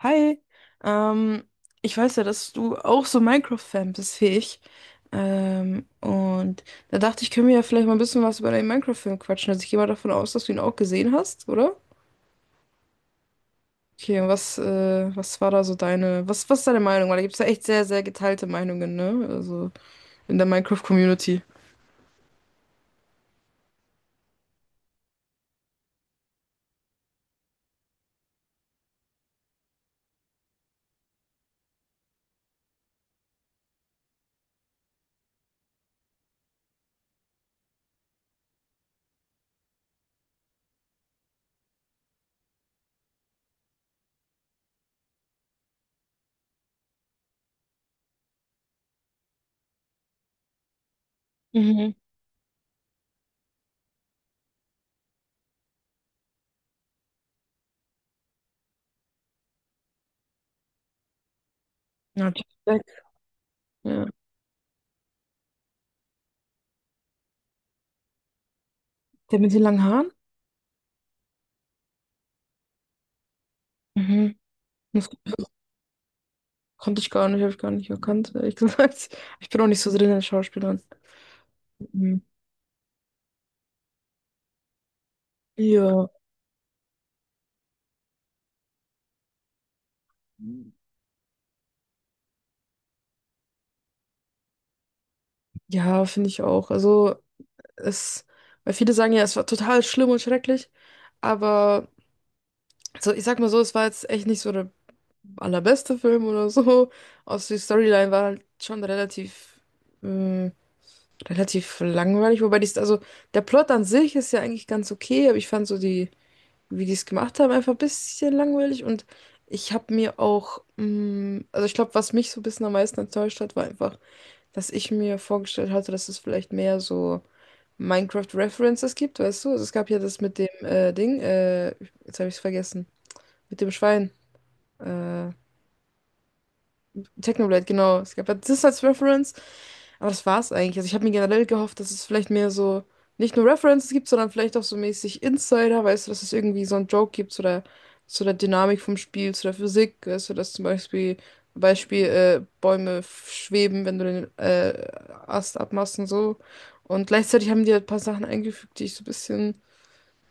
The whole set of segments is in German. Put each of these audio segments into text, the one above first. Hi, ähm, ich weiß ja, dass du auch so Minecraft-Fan bist wie ich. Und da dachte ich, können wir ja vielleicht mal ein bisschen was über deinen Minecraft-Film quatschen. Also ich gehe mal davon aus, dass du ihn auch gesehen hast, oder? Okay, und was, was war da so was ist deine Meinung? Weil da gibt es ja echt sehr, sehr geteilte Meinungen, ne? Also in der Minecraft-Community. Mhm. Ja, Jack Black. Ja. Der mit den langen Haaren? Mhm. Das konnte ich gar nicht, habe ich gar nicht erkannt, ehrlich gesagt. Ich bin auch nicht so drin in den Schauspielern. Mhm. Ja. Ja, finde ich auch. Also, es, weil viele sagen ja, es war total schlimm und schrecklich, aber so, ich sag mal so, es war jetzt echt nicht so der allerbeste Film oder so. Also die Storyline war halt schon ähm, relativ langweilig, wobei die, also der Plot an sich ist ja eigentlich ganz okay, aber ich fand so die, wie die es gemacht haben, einfach ein bisschen langweilig und ich habe mir auch, also ich glaube, was mich so ein bisschen am meisten enttäuscht hat, war einfach, dass ich mir vorgestellt hatte, dass es vielleicht mehr so Minecraft-References gibt, weißt du? Also es gab ja das mit dem Ding, jetzt habe ich es vergessen, mit dem Schwein. Äh, Technoblade, genau. Es gab ja das als Reference, aber das war's eigentlich. Also ich habe mir generell gehofft, dass es vielleicht mehr so nicht nur References gibt, sondern vielleicht auch so mäßig Insider, weißt du, dass es irgendwie so einen Joke gibt zu der Dynamik vom Spiel, zu der Physik, weißt du, dass zum Beispiel Bäume schweben, wenn du den Ast abmachst und so. Und gleichzeitig haben die halt ein paar Sachen eingefügt, die ich so ein bisschen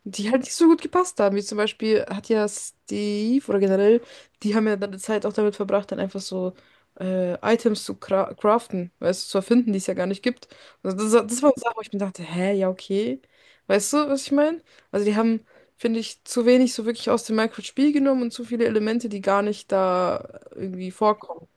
die halt nicht so gut gepasst haben. Wie zum Beispiel hat ja Steve oder generell, die haben ja dann die Zeit auch damit verbracht, dann einfach so Items zu craften, weißt du, zu erfinden, die es ja gar nicht gibt. Also das war eine Sache, wo ich mir dachte, hä, ja, okay. Weißt du, was ich meine? Also die haben, finde ich, zu wenig so wirklich aus dem Minecraft-Spiel genommen und zu viele Elemente, die gar nicht da irgendwie vorkommen.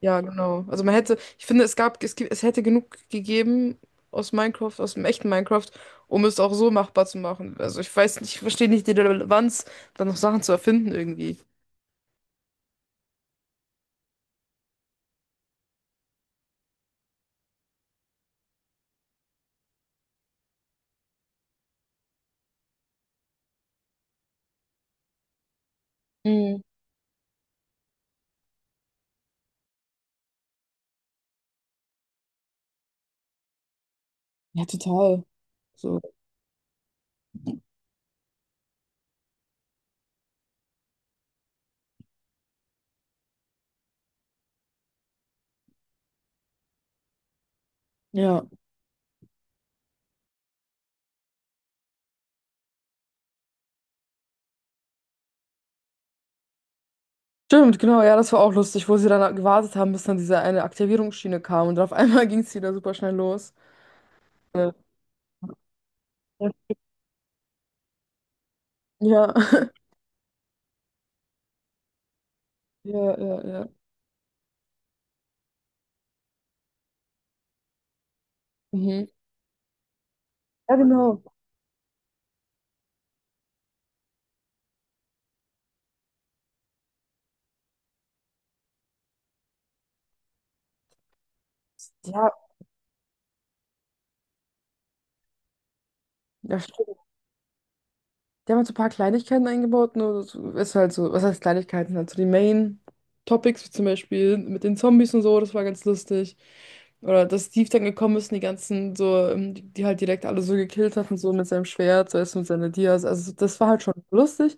Ja, genau. Also man hätte, ich finde, es gab, es gibt, es hätte genug gegeben aus Minecraft, aus dem echten Minecraft, um es auch so machbar zu machen. Also ich weiß nicht, ich verstehe nicht die Relevanz, dann noch Sachen zu erfinden irgendwie. Mhm. Ja, total. So, ja. Stimmt, genau, ja, das war auch lustig, wo sie dann gewartet haben, bis dann diese eine Aktivierungsschiene kam und dann auf einmal ging es wieder super schnell los. Ja, ja, ja, ja. Ja. Mhm. Ja, genau. Ja, ja, stimmt. Die haben halt so ein paar Kleinigkeiten eingebaut, nur das ist halt so, was heißt Kleinigkeiten? Also die Main-Topics, wie zum Beispiel mit den Zombies und so, das war ganz lustig. Oder dass Steve dann gekommen ist und die ganzen so, die halt direkt alle so gekillt hat und so mit seinem Schwert, so erst mit seiner Dias. Also das war halt schon lustig.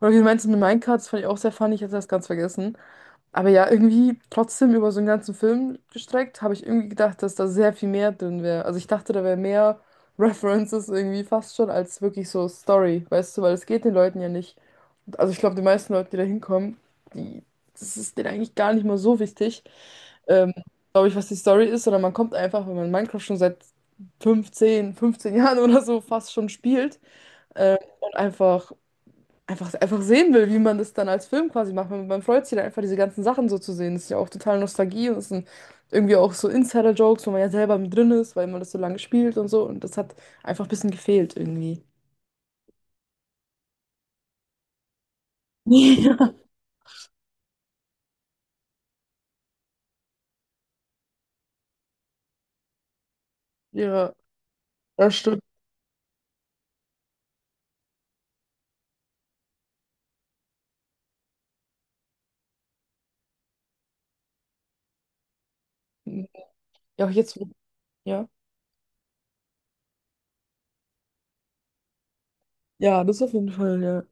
Oder wie du meinst mit Minecraft, das fand ich auch sehr funny, ich hatte das ganz vergessen. Aber ja, irgendwie trotzdem über so einen ganzen Film gestreckt, habe ich irgendwie gedacht, dass da sehr viel mehr drin wäre. Also ich dachte, da wäre mehr References irgendwie fast schon als wirklich so Story, weißt du, weil es geht den Leuten ja nicht. Also ich glaube, die meisten Leute, die da hinkommen, die, das ist denen eigentlich gar nicht mal so wichtig, ähm, glaube ich, was die Story ist, sondern man kommt einfach, wenn man Minecraft schon seit fünfzehn Jahren oder so fast schon spielt, und einfach sehen will, wie man das dann als Film quasi macht. Man freut sich dann einfach, diese ganzen Sachen so zu sehen. Das ist ja auch total Nostalgie und das sind irgendwie auch so Insider-Jokes, wo man ja selber mit drin ist, weil man das so lange spielt und so. Und das hat einfach ein bisschen gefehlt irgendwie. Ja. Ja, das stimmt. Ja, auch jetzt, ja. Ja, das auf jeden Fall, ja.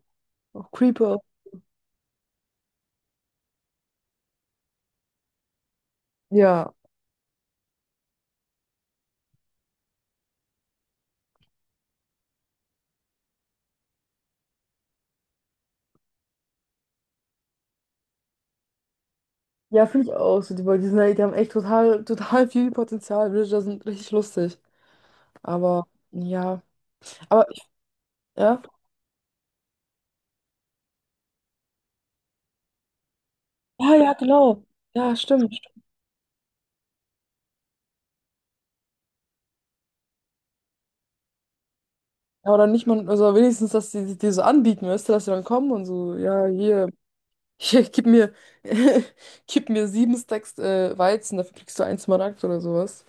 Auch Creeper. Ja. Ja, finde ich auch. So, die, weil die sind, die haben echt total, total viel Potenzial. Villager sind richtig lustig. Aber, ja. Aber, ja. Ja, ja, genau. Ja, stimmt. Ja, oder nicht mal, also wenigstens, dass die so anbieten, weißt du, dass sie dann kommen und so, ja, hier, hier gib mir, gib mir 7 Stacks Weizen, dafür kriegst du einen Smaragd oder sowas.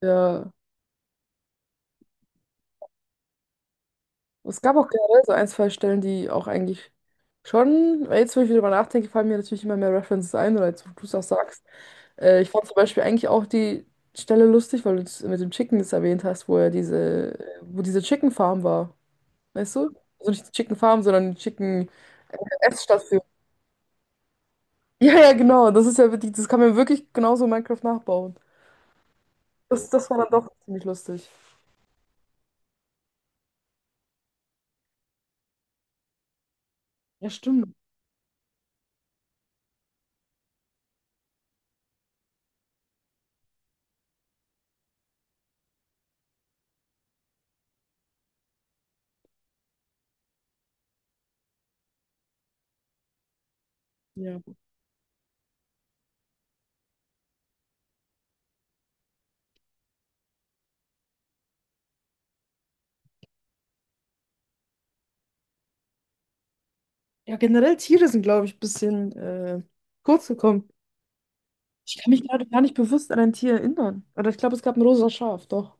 Ja, es gab auch generell so ein, zwei Stellen, die auch eigentlich schon, weil jetzt, wo ich wieder darüber nachdenke, fallen mir natürlich immer mehr References ein, oder jetzt, wo du es auch sagst. Ich fand zum Beispiel eigentlich auch die Stelle lustig, weil du es mit dem Chicken das erwähnt hast, wo er diese, wo diese Chicken Farm war, weißt du? Also nicht die Chicken Farm, sondern die Chicken Essstation. Ja, ja, genau. Das ist ja wirklich, das kann man wirklich genauso in Minecraft nachbauen. Das war dann doch ziemlich lustig. Ja, stimmt. Ja, ja generell Tiere sind, glaube ich, ein bisschen kurz gekommen. Ich kann mich gerade gar nicht bewusst an ein Tier erinnern. Oder ich glaube, es gab ein rosa Schaf, doch.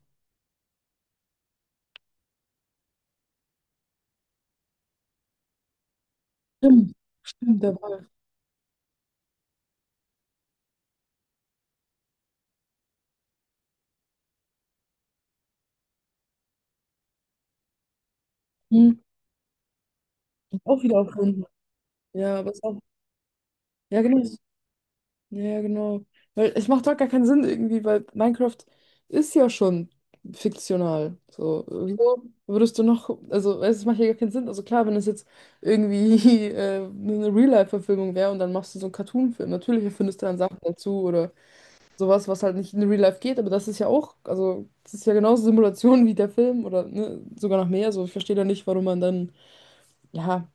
Stimmt, stimmt, der Wolf. Hm. Auch wieder erfunden. Ja, was auch. Ja, genau. Ja, ja, genau. Weil es macht doch gar keinen Sinn irgendwie, weil Minecraft ist ja schon fiktional. So, wieso würdest du noch, also weißt du, es macht ja gar keinen Sinn. Also klar, wenn es jetzt irgendwie eine Real-Life-Verfilmung wäre und dann machst du so einen Cartoon-Film, natürlich erfindest du dann Sachen dazu oder sowas, was halt nicht in Real Life geht, aber das ist ja auch, also das ist ja genauso Simulation wie der Film oder ne, sogar noch mehr. So, ich verstehe da nicht, warum man dann ja,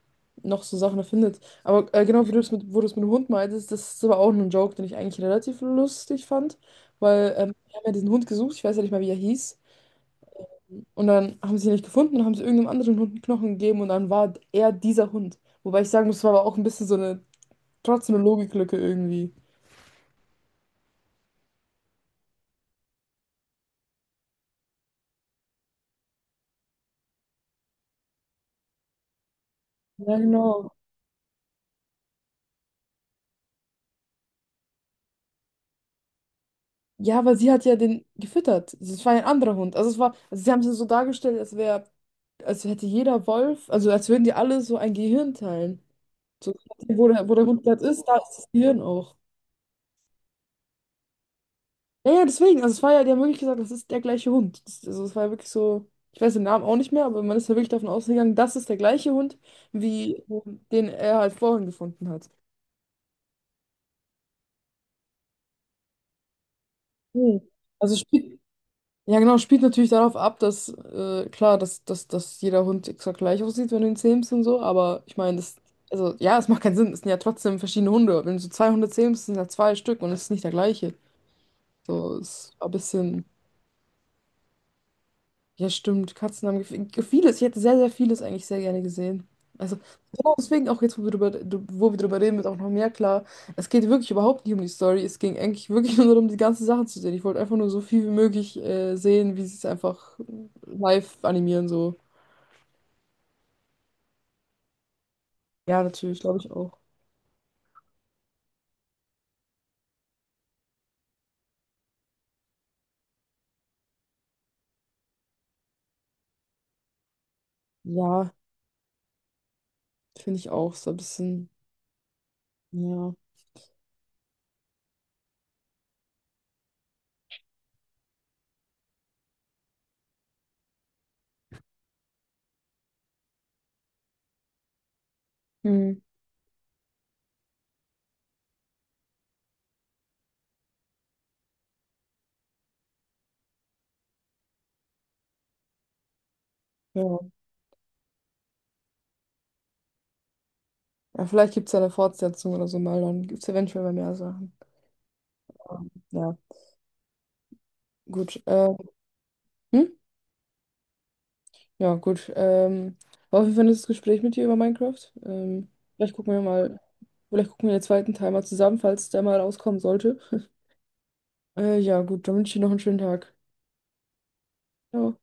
noch so Sachen erfindet. Aber genau wie du es mit, wo du es mit dem Hund meintest, das ist aber auch ein Joke, den ich eigentlich relativ lustig fand, weil wir haben ja diesen Hund gesucht, ich weiß ja nicht mal, wie er hieß, und dann haben sie ihn nicht gefunden und haben sie irgendeinem anderen Hund einen Knochen gegeben und dann war er dieser Hund. Wobei ich sagen muss, es war aber auch ein bisschen so eine, trotzdem eine Logiklücke irgendwie. Ja, genau. Ja, weil sie hat ja den gefüttert. Also, es war ja ein anderer Hund. Also es war, also sie haben es ja so dargestellt, als wäre, als hätte jeder Wolf, also als würden die alle so ein Gehirn teilen. So, wo der Hund gerade ist, da ist das Gehirn auch. Ja, ja, deswegen. Also es war ja, die haben wirklich gesagt, das ist der gleiche Hund. Das, also es war ja wirklich so, ich weiß den Namen auch nicht mehr, aber man ist ja wirklich davon ausgegangen, das ist der gleiche Hund, wie den er halt vorhin gefunden hat. Mhm. Also spielt, ja genau, spielt natürlich darauf ab, dass, klar, dass jeder Hund exakt gleich aussieht, wenn du ihn zähmst und so, aber ich meine, das, also ja, es macht keinen Sinn, es sind ja trotzdem verschiedene Hunde. Wenn du so zwei Hunde zähmst, sind ja zwei Stück und es ist nicht der gleiche. So, es war ein bisschen. Ja, stimmt. Katzen haben vieles. Ich hätte sehr, sehr vieles eigentlich sehr gerne gesehen. Also, genau deswegen auch jetzt, wo wir drüber, wo wir drüber reden, wird auch noch mehr klar. Es geht wirklich überhaupt nicht um die Story. Es ging eigentlich wirklich nur darum, die ganzen Sachen zu sehen. Ich wollte einfach nur so viel wie möglich sehen, wie sie es einfach live animieren, so. Ja, natürlich, glaube ich auch. Ja, finde ich auch. So ein bisschen, ja. Hm, ja. Ja, vielleicht gibt es ja eine Fortsetzung oder so mal. Dann gibt es eventuell mal mehr Sachen. Ja, gut. Hm? Ja, gut. War auf jeden Fall ein nettes Gespräch mit dir über Minecraft. Ähm, vielleicht gucken wir mal, vielleicht gucken wir den zweiten Teil mal zusammen, falls der mal rauskommen sollte. Ja, gut, dann wünsche ich dir noch einen schönen Tag. Ciao.